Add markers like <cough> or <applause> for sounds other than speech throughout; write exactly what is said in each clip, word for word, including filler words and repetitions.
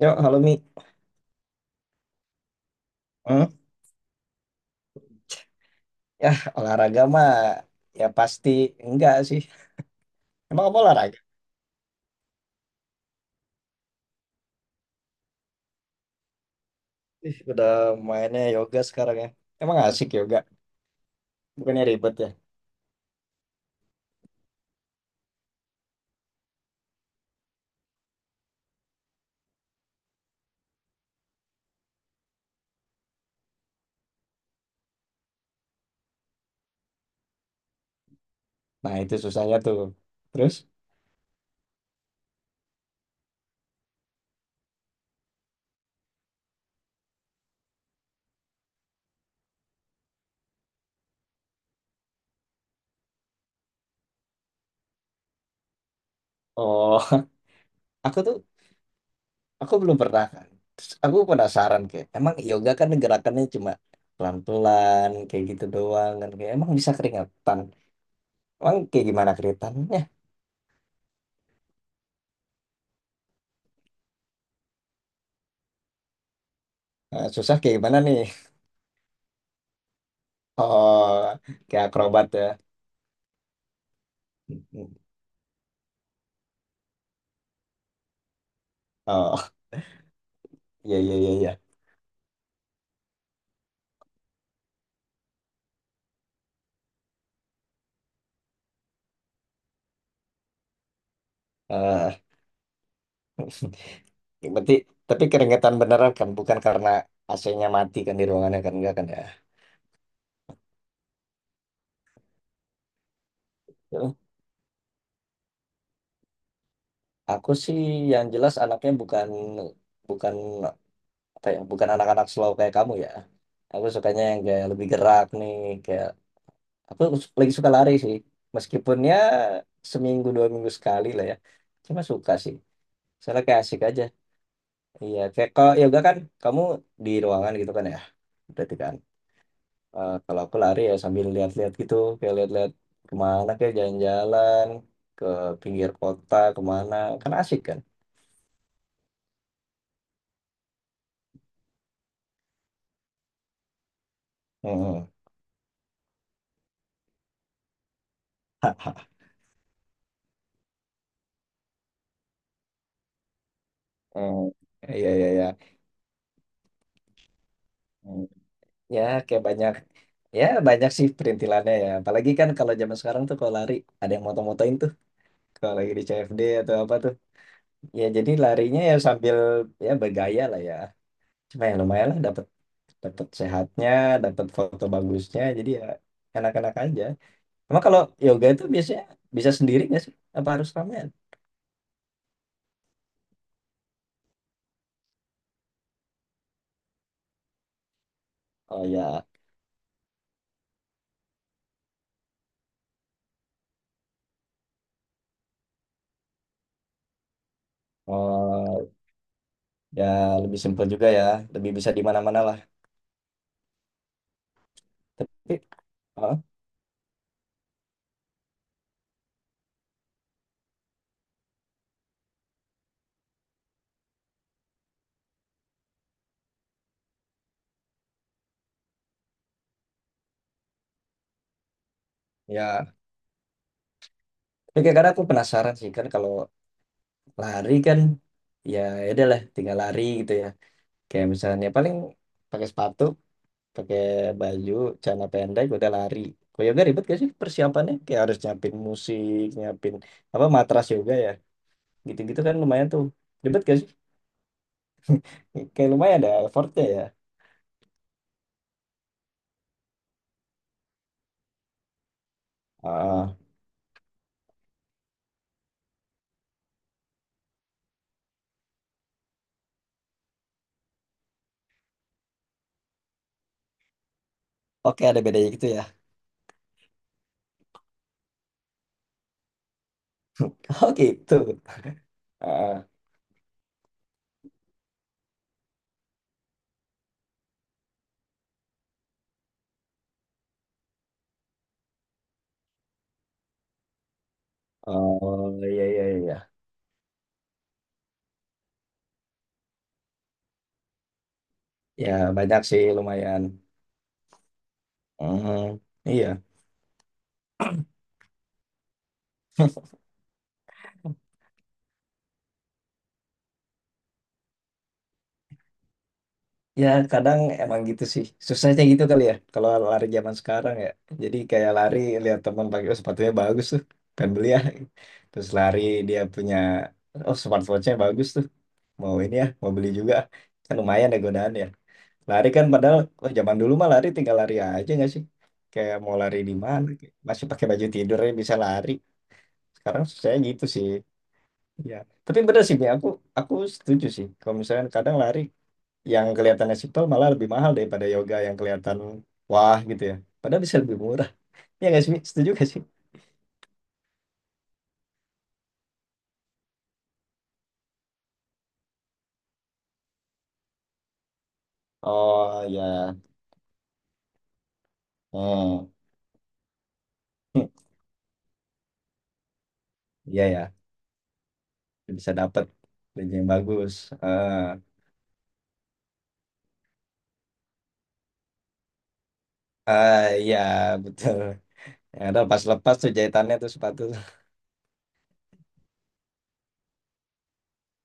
Yuk, halo Mi. Hmm? Ya, olahraga mah ya pasti enggak sih. Emang apa olahraga? Ih, udah mainnya yoga sekarang ya. Emang asik yoga. Bukannya ribet ya. Nah, itu susahnya tuh. Terus, oh, <laughs> aku tuh, aku belum pernah kan. Terus aku penasaran kayak, emang yoga kan gerakannya cuma pelan-pelan, kayak gitu doang kan. Kayak, emang bisa keringetan. Emang kayak gimana keringetannya? Nah, susah kayak gimana nih? <laughs> Oh, kayak akrobat ya. Hmm, hmm. Oh, iya, iya, iya, iya. Eh, berarti tapi keringetan beneran kan bukan karena A C-nya mati kan di ruangannya kan enggak kan ya. Eh, aku sih yang jelas anaknya bukan bukan apa ya, bukan anak-anak slow kayak kamu ya. Aku sukanya yang kayak lebih gerak nih kayak aku su- lagi suka lari sih. Meskipun ya seminggu dua minggu sekali lah ya. Cuma suka sih. Soalnya kayak asik aja. Iya, kayak kalau yoga kan kamu di ruangan gitu kan ya. Berarti kan. Eh, kalau aku lari ya sambil lihat-lihat gitu, kayak lihat-lihat kemana kayak jalan-jalan ke pinggir kota kemana, kan asik kan? Hmm. <laughs> Hmm. Iya iya iya. Hmm. Ya kayak banyak ya banyak sih perintilannya ya. Apalagi kan kalau zaman sekarang tuh kalau lari ada yang moto-motoin tuh kalau lagi di C F D atau apa tuh. Ya jadi larinya ya sambil ya bergaya lah ya. Cuma ya lumayan lah dapat dapat sehatnya, dapat foto bagusnya. Jadi ya enak-enak aja. Cuma kalau yoga itu biasanya bisa sendiri nggak sih? Apa harus ramean? Oh ya, oh ya lebih simpel juga ya, lebih bisa di mana-mana lah. Tapi, oh, ya, tapi kadang aku penasaran sih kan kalau lari kan, ya ya udah lah, tinggal lari gitu ya. Kayak misalnya paling pakai sepatu, pakai baju, celana pendek, udah lari. Kalau yoga ribet gak sih persiapannya? Kayak harus nyiapin musik, nyiapin apa matras yoga ya, gitu-gitu kan lumayan tuh. Ribet gak sih? Kayak lumayan ada effortnya ya. Ah. Oke, ada bedanya gitu ya. <laughs> Oh gitu. Ah, oh iya iya iya. Ya banyak sih lumayan. Mhm, iya. Ya kadang emang gitu sih. Susahnya gitu kali ya. Kalau lari zaman sekarang ya. Jadi kayak lari lihat teman pakai "Oh, sepatunya bagus tuh. Pengen beli ya. Terus lari dia punya oh smartwatchnya bagus tuh. Mau ini ya, mau beli juga. Kan lumayan ya godaan ya. Lari kan padahal wah, zaman dulu mah lari tinggal lari aja nggak sih? Kayak mau lari di mana, masih pakai baju tidur aja bisa lari. Sekarang saya gitu sih. Ya, tapi bener sih, Mi. aku aku setuju sih. Kalau misalnya kadang lari yang kelihatannya simpel malah lebih mahal daripada yoga yang kelihatan wah gitu ya. Padahal bisa lebih murah. Ya nggak sih, Mi? Setuju nggak sih? Oh ya, hmm, hmm. Iya ya, bisa dapat baju yang bagus. Eh, ah, iya betul. Ya, udah pas lepas tuh jahitannya tuh sepatu.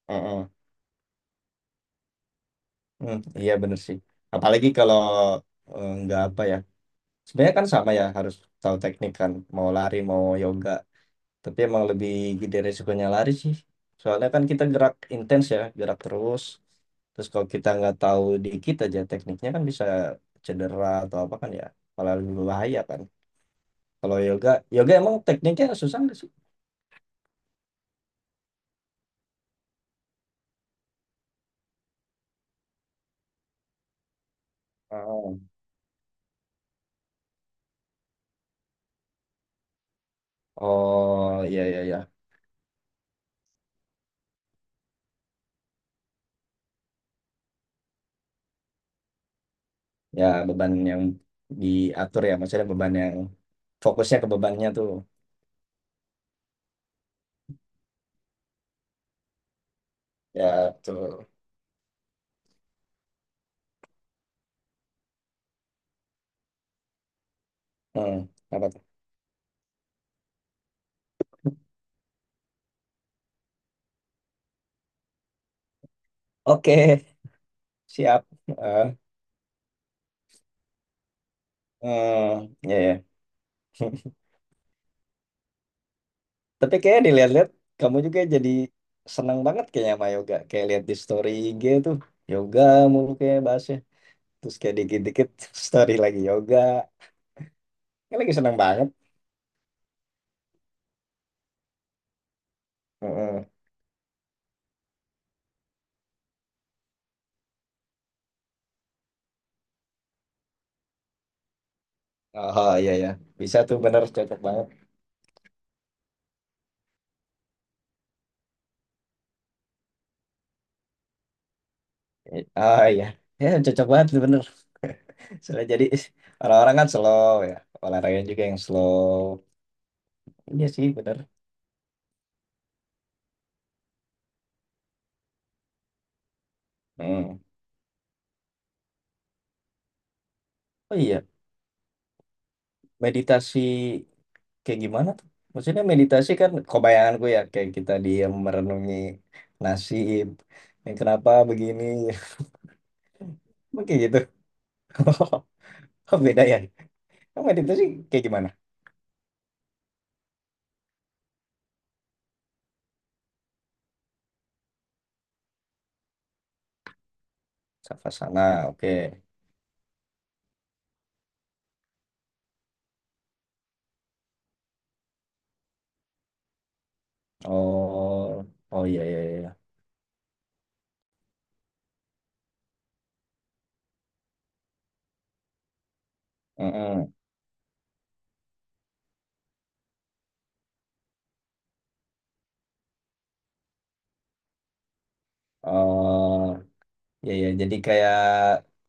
Heeh. Hmm, iya bener sih. Apalagi kalau eh, nggak apa ya. Sebenarnya kan sama ya harus tahu teknik kan. Mau lari mau yoga. Tapi emang lebih gede resikonya lari sih. Soalnya kan kita gerak intens ya, gerak terus. Terus kalau kita nggak tahu dikit aja tekniknya kan bisa cedera atau apa kan ya. Malah lebih bahaya kan. Kalau yoga, yoga emang tekniknya susah nggak sih? Oh, oh iya iya iya. Ya beban yang diatur ya. Maksudnya beban yang fokusnya ke bebannya tuh. Ya, betul. Hmm, apa tuh? Oke, siap. Eh, hmm, ya, ya. <laughs> Tapi kayaknya dilihat-lihat, kamu juga jadi senang banget kayaknya sama yoga. Kayak lihat di story I G tuh, yoga mulu kayak bahasnya. Terus kayak dikit-dikit <laughs> story lagi yoga. Kayak lagi senang banget. Heeh. Oh, iya, ya. Bisa tuh bener, cocok banget. Ah iya. Ya, cocok banget tuh bener. <laughs> Soalnya jadi orang-orang kan slow ya. Olahraga juga yang slow. Iya sih, bener. Hmm. Oh iya, meditasi kayak gimana tuh? Maksudnya meditasi kan kebayanganku ya kayak kita diam merenungi nasib yang kenapa begini. <laughs> Emang gitu. <laughs> Beda ya. Emang meditasi kayak gimana. Savasana, oke. Oh, oh iya iya iya. Mm-mm. Oh iya iya, jadi kayak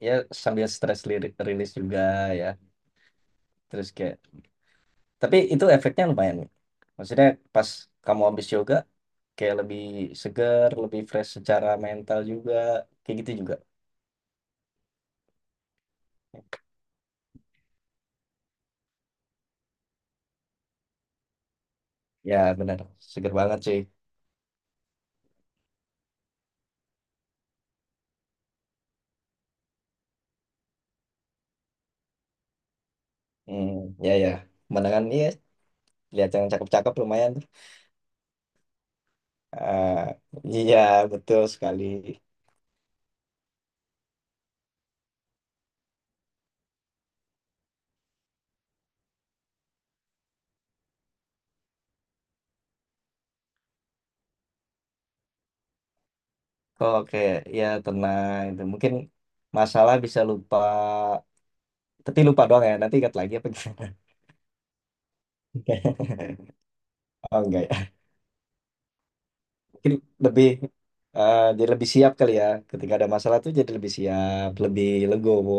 ya sambil stress lirik rilis juga ya, terus kayak. Tapi itu efeknya lumayan, Mi. Maksudnya pas kamu habis yoga, kayak lebih seger, lebih fresh secara mental juga. Kayak gitu juga. Ya benar, seger banget sih. Hmm, ya ya. Pemandangan iya, lihat yang cakep-cakep lumayan. Ah, iya, betul sekali. Kok kayak ya tenang itu. Mungkin masalah bisa lupa, tapi lupa doang ya. Nanti ingat lagi apa gimana? <laughs> Oh, enggak ya. Mungkin lebih eh, dia lebih siap kali ya ketika ada masalah tuh jadi lebih siap, lebih legowo,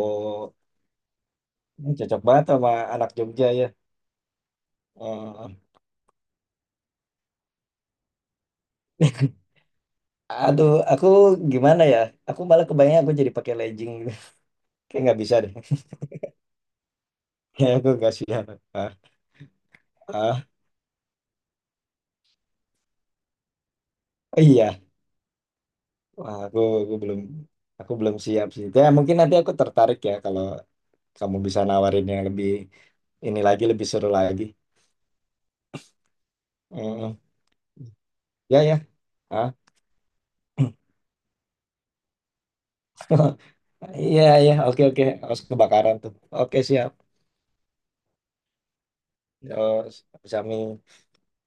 cocok banget sama anak Jogja ya. Eh, <laughs> aduh, aku gimana ya, aku malah kebayang aku jadi pakai legging. <laughs> Kayak nggak bisa deh. <laughs> Kayak aku nggak siap, ah, ah, iya. Wah, aku aku belum aku belum siap sih ya, mungkin nanti aku tertarik ya kalau kamu bisa nawarin yang lebih ini lagi, lebih seru lagi. Mm, ya ya ah. <laughs> Iya, iya, oke, oke. Harus kebakaran tuh. Oke, siap. Eh, Sami.